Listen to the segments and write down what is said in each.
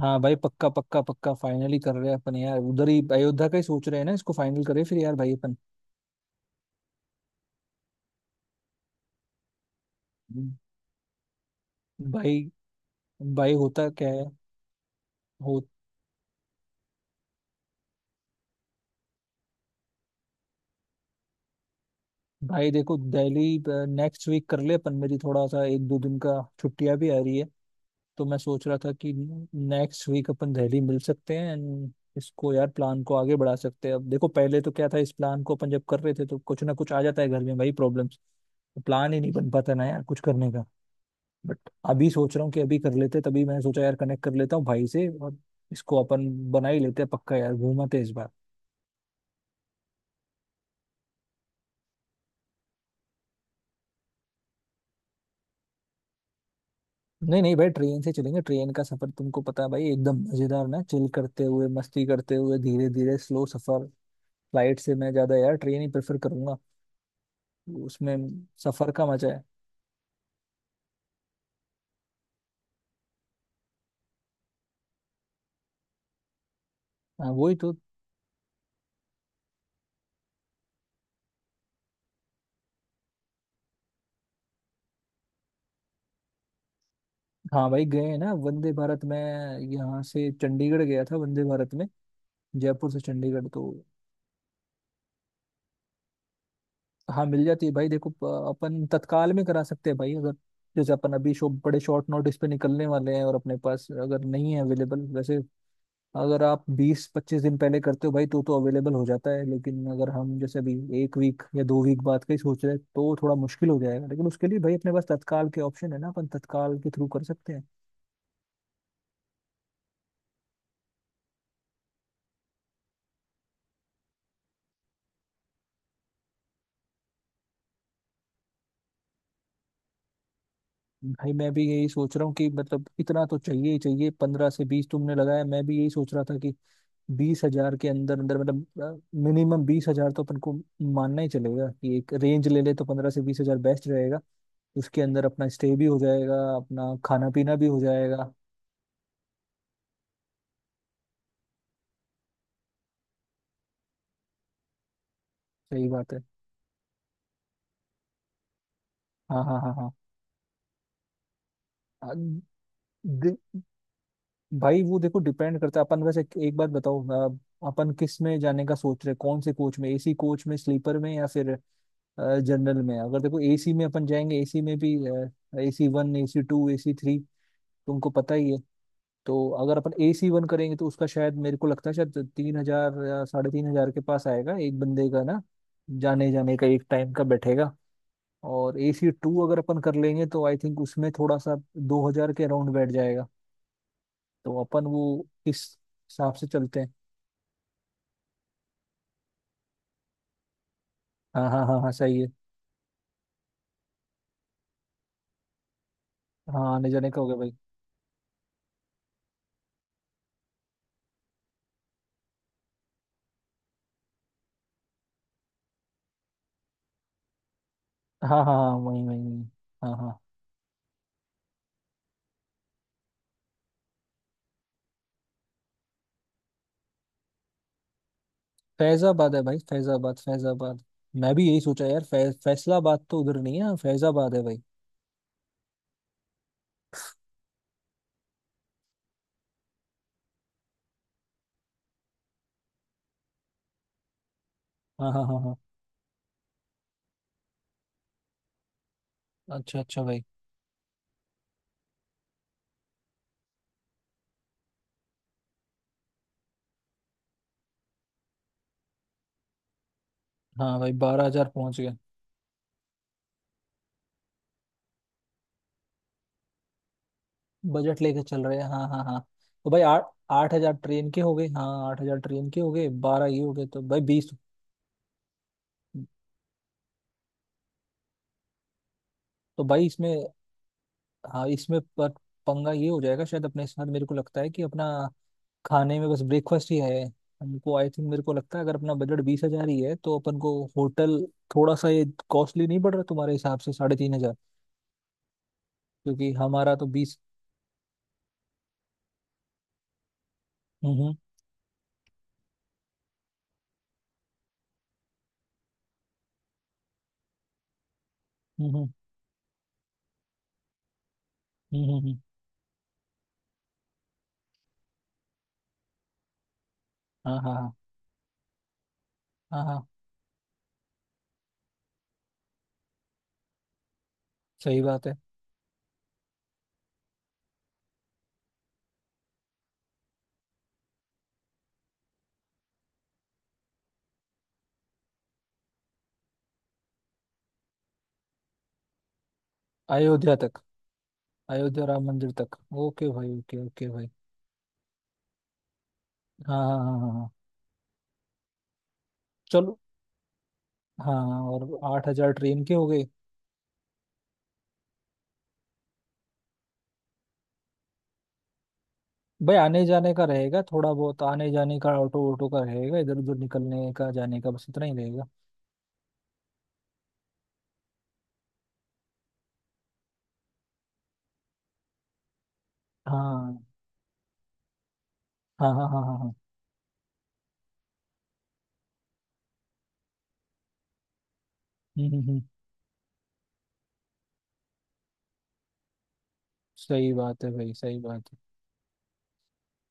हाँ भाई, पक्का पक्का पक्का फाइनली कर रहे हैं अपन। यार, उधर ही अयोध्या का ही सोच रहे हैं ना, इसको फाइनल करें फिर यार भाई अपन। हम्म। भाई, भाई होता क्या है। हो। भाई देखो दिल्ली, नेक्स्ट वीक कर ले अपन। मेरी थोड़ा सा एक दो दिन का छुट्टियां भी आ रही है। तो मैं सोच रहा था कि नेक्स्ट वीक अपन दिल्ली मिल सकते हैं एंड इसको यार प्लान को आगे बढ़ा सकते हैं। अब देखो, पहले तो क्या था, इस प्लान को अपन जब कर रहे थे तो कुछ ना कुछ आ जाता है घर में भाई, प्रॉब्लम्स। प्लान ही नहीं बन पाता ना यार कुछ करने का। बट अभी सोच रहा हूँ कि अभी कर लेते, तभी मैंने सोचा यार कनेक्ट कर लेता हूँ भाई से और इसको अपन बना ही लेते हैं पक्का। यार, घूमाते हैं इस बार। नहीं नहीं भाई, ट्रेन से चलेंगे। ट्रेन का सफर तुमको पता है भाई, एकदम मजेदार ना, चिल करते हुए, मस्ती करते हुए, धीरे धीरे स्लो सफर। फ्लाइट से मैं ज्यादा यार ट्रेन ही प्रेफर करूंगा उसमें। सफर का मजा है। हाँ वही तो। हाँ भाई, गए हैं ना वंदे भारत में। यहाँ से चंडीगढ़ गया था वंदे भारत में। जयपुर से चंडीगढ़ तो। हाँ मिल जाती है भाई। देखो, अपन तत्काल में करा सकते हैं भाई, अगर जैसे अपन अभी शो बड़े शॉर्ट नोटिस पे निकलने वाले हैं और अपने पास अगर नहीं है अवेलेबल। वैसे अगर आप 20 25 दिन पहले करते हो भाई तो अवेलेबल हो जाता है। लेकिन अगर हम जैसे अभी एक वीक या दो वीक बाद का ही सोच रहे हैं तो थोड़ा मुश्किल हो जाएगा। लेकिन उसके लिए भाई अपने पास तत्काल के ऑप्शन है ना, अपन तत्काल के थ्रू कर सकते हैं। भाई मैं भी यही सोच रहा हूँ कि मतलब इतना तो चाहिए ही चाहिए। 15 से 20 तुमने लगाया, मैं भी यही सोच रहा था कि 20 हजार के अंदर अंदर, मतलब मिनिमम 20 हजार तो अपन को मानना ही चलेगा। कि एक रेंज ले ले तो 15 से 20 हजार बेस्ट रहेगा। उसके अंदर अपना स्टे भी हो जाएगा, अपना खाना पीना भी हो जाएगा। सही बात है। हाँ हाँ हाँ हाँ। अ, दे, भाई वो देखो, डिपेंड करता है अपन। वैसे एक बात बताओ, अ, अपन किस में जाने का सोच रहे हैं? कौन से कोच में, एसी कोच में, स्लीपर में, या फिर जनरल में? अगर देखो एसी में अपन जाएंगे, एसी में भी AC one, AC two, AC three, तुमको पता ही है। तो अगर अपन एसी वन करेंगे तो उसका शायद मेरे को लगता है शायद 3 हजार या साढ़े 3 हजार के पास आएगा एक बंदे का ना, जाने जाने का एक टाइम का बैठेगा। और एसी टू अगर अपन कर लेंगे तो आई थिंक उसमें थोड़ा सा 2 हजार के अराउंड बैठ जाएगा। तो अपन वो इस हिसाब से चलते हैं। हाँ हाँ हाँ हाँ, सही है। हाँ, आने जाने का हो गया भाई। हाँ हाँ हाँ, वही वही वही। हाँ हाँ, फैजाबाद है भाई, फैजाबाद फैजाबाद। मैं भी यही सोचा यार, फैसलाबाद तो उधर नहीं है, हाँ, फैजाबाद है भाई। हाँ हाँ हाँ हाँ। अच्छा अच्छा भाई। हाँ भाई, 12 हजार पहुंच गए। बजट लेके चल रहे हैं, हाँ हाँ हाँ। तो भाई आठ, 8 हजार ट्रेन के हो गए, हाँ 8 हजार ट्रेन के हो गए, बारह ये हो गए तो भाई बीस। तो भाई इसमें, हाँ इसमें पर पंगा ये हो जाएगा शायद अपने साथ, मेरे को लगता है कि अपना खाने में बस ब्रेकफास्ट ही है हमको। आई थिंक मेरे को लगता है अगर अपना बजट 20 हजार ही है तो अपन को होटल थोड़ा सा ये कॉस्टली नहीं पड़ रहा तुम्हारे हिसाब से, साढ़े 3 हजार? क्योंकि हमारा तो बीस। हम्म हम्म। हम्म। हम्म, हम्म, हम्म। हाँ हाँ हाँ हाँ हाँ। सही बात है। अयोध्या तक। अयोध्या राम मंदिर तक। ओके भाई, ओके ओके भाई। हाँ हाँ हाँ हाँ हाँ। चलो। हाँ हाँ, और 8 हजार ट्रेन के हो गए। भाई आने जाने का रहेगा, थोड़ा बहुत आने जाने का, ऑटो ऑटो का रहेगा, इधर उधर निकलने का, जाने का, बस इतना ही रहेगा। हाँ हाँ हाँ हाँ हाँ हाँ। हम्म हम्म, हम्म। सही बात है भाई, सही बात है।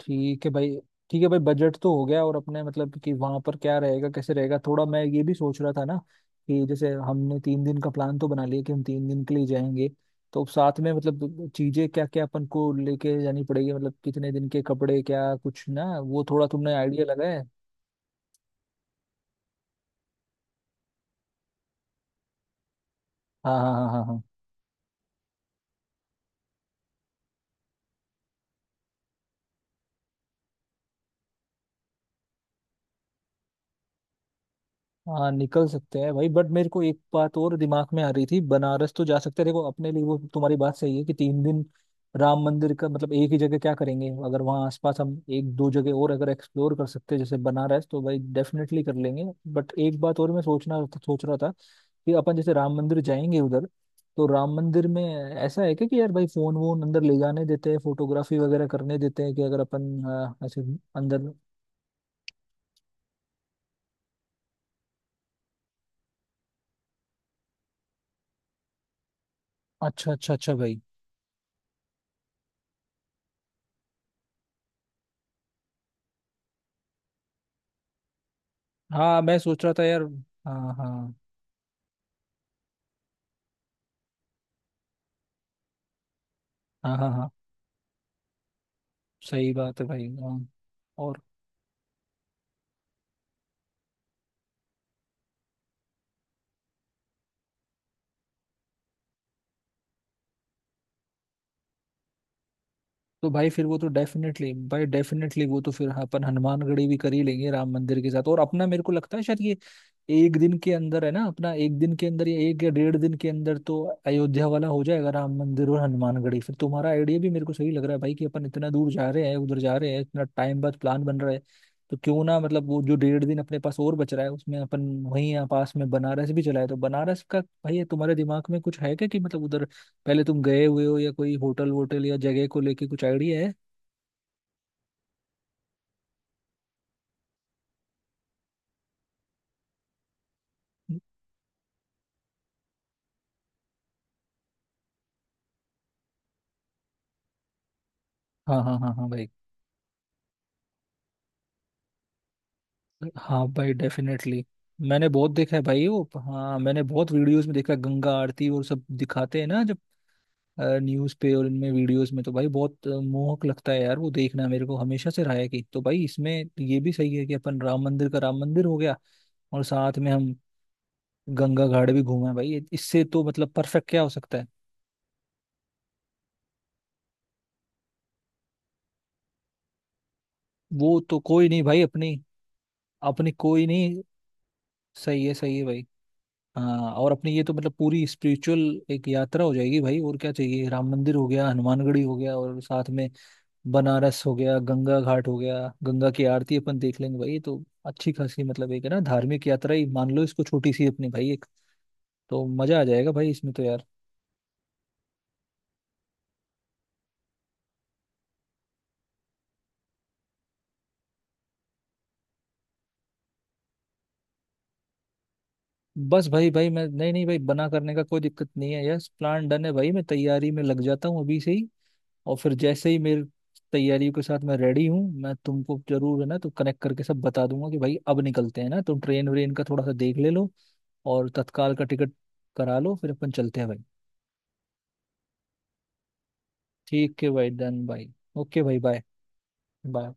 ठीक है भाई। ठीक है भाई, बजट तो हो गया। और अपने मतलब कि वहां पर क्या रहेगा कैसे रहेगा, थोड़ा मैं ये भी सोच रहा था ना, कि जैसे हमने 3 दिन का प्लान तो बना लिया कि हम 3 दिन के लिए जाएंगे, तो साथ में मतलब चीजें क्या क्या अपन को लेके जानी पड़ेगी, मतलब कितने दिन के कपड़े, क्या कुछ ना, वो थोड़ा तुमने आइडिया लगाया है? हाँ हाँ हाँ हाँ हाँ हाँ। निकल सकते हैं भाई। बट मेरे को एक बात और दिमाग में आ रही थी, बनारस तो जा सकते हैं देखो अपने लिए, वो तुम्हारी बात सही है कि 3 दिन राम मंदिर का मतलब एक ही जगह क्या करेंगे, अगर वहाँ आसपास हम एक दो जगह और अगर एक्सप्लोर कर सकते हैं जैसे बनारस, तो भाई डेफिनेटली कर लेंगे। बट एक बात और मैं सोच रहा था, कि अपन जैसे राम मंदिर जाएंगे उधर, तो राम मंदिर में ऐसा है क्या कि यार भाई फोन वोन अंदर ले जाने देते हैं, फोटोग्राफी वगैरह करने देते हैं, कि अगर अपन ऐसे अंदर। अच्छा अच्छा अच्छा भाई। हाँ मैं सोच रहा था यार। हाँ हाँ हाँ हाँ हाँ। सही बात है भाई। हाँ। और। तो भाई फिर वो तो डेफिनेटली भाई, डेफिनेटली वो तो फिर अपन हनुमानगढ़ी भी कर ही लेंगे राम मंदिर के साथ। और अपना मेरे को लगता है शायद ये एक दिन के अंदर है ना, अपना एक दिन के अंदर या एक या 1.5 दिन के अंदर तो अयोध्या वाला हो जाएगा, राम मंदिर और हनुमानगढ़ी। फिर तुम्हारा आइडिया भी मेरे को सही लग रहा है भाई कि अपन इतना दूर जा रहे हैं, उधर जा रहे हैं, इतना टाइम बाद प्लान बन रहा है, तो क्यों ना मतलब वो जो 1.5 दिन अपने पास और बच रहा है उसमें अपन वहीं, यहाँ पास में बनारस भी चलाए। तो बनारस का भाई तुम्हारे दिमाग में कुछ है क्या कि मतलब उधर पहले तुम गए हुए हो, या कोई होटल वोटल या जगह को लेके कुछ आइडिया है? हाँ हाँ हाँ हाँ भाई। हाँ भाई डेफिनेटली। मैंने बहुत देखा है भाई वो, हाँ मैंने बहुत वीडियोस में देखा है, गंगा आरती और सब दिखाते हैं ना जब न्यूज़ पे और इनमें वीडियोस में, तो भाई बहुत मोहक लगता है यार। वो देखना मेरे को हमेशा से रहा है कि, तो भाई इसमें ये भी सही है कि अपन राम मंदिर का, राम मंदिर हो गया, और साथ में हम गंगा घाट भी घूमे भाई, इससे तो मतलब परफेक्ट क्या हो सकता है। वो तो कोई नहीं भाई, अपनी अपनी कोई नहीं। सही है, सही है भाई। हाँ, और अपनी ये तो मतलब पूरी स्पिरिचुअल एक यात्रा हो जाएगी भाई, और क्या चाहिए? राम मंदिर हो गया, हनुमानगढ़ी हो गया, और साथ में बनारस हो गया, गंगा घाट हो गया, गंगा की आरती अपन देख लेंगे भाई। तो अच्छी खासी, मतलब एक है ना धार्मिक यात्रा ही मान लो इसको, छोटी सी अपनी भाई एक, तो मजा आ जाएगा भाई इसमें तो यार। बस भाई, भाई मैं नहीं, नहीं भाई बना करने का कोई दिक्कत नहीं है, यस, प्लान डन है भाई, मैं तैयारी में लग जाता हूँ अभी से ही। और फिर जैसे ही मेरी तैयारियों के साथ मैं रेडी हूँ, मैं तुमको, जरूर है ना, तो कनेक्ट करके सब बता दूंगा कि भाई अब निकलते हैं ना, तुम ट्रेन व्रेन का थोड़ा सा देख ले लो और तत्काल का टिकट करा लो फिर अपन चलते हैं भाई। ठीक है भाई, डन भाई। ओके भाई, बाय बाय।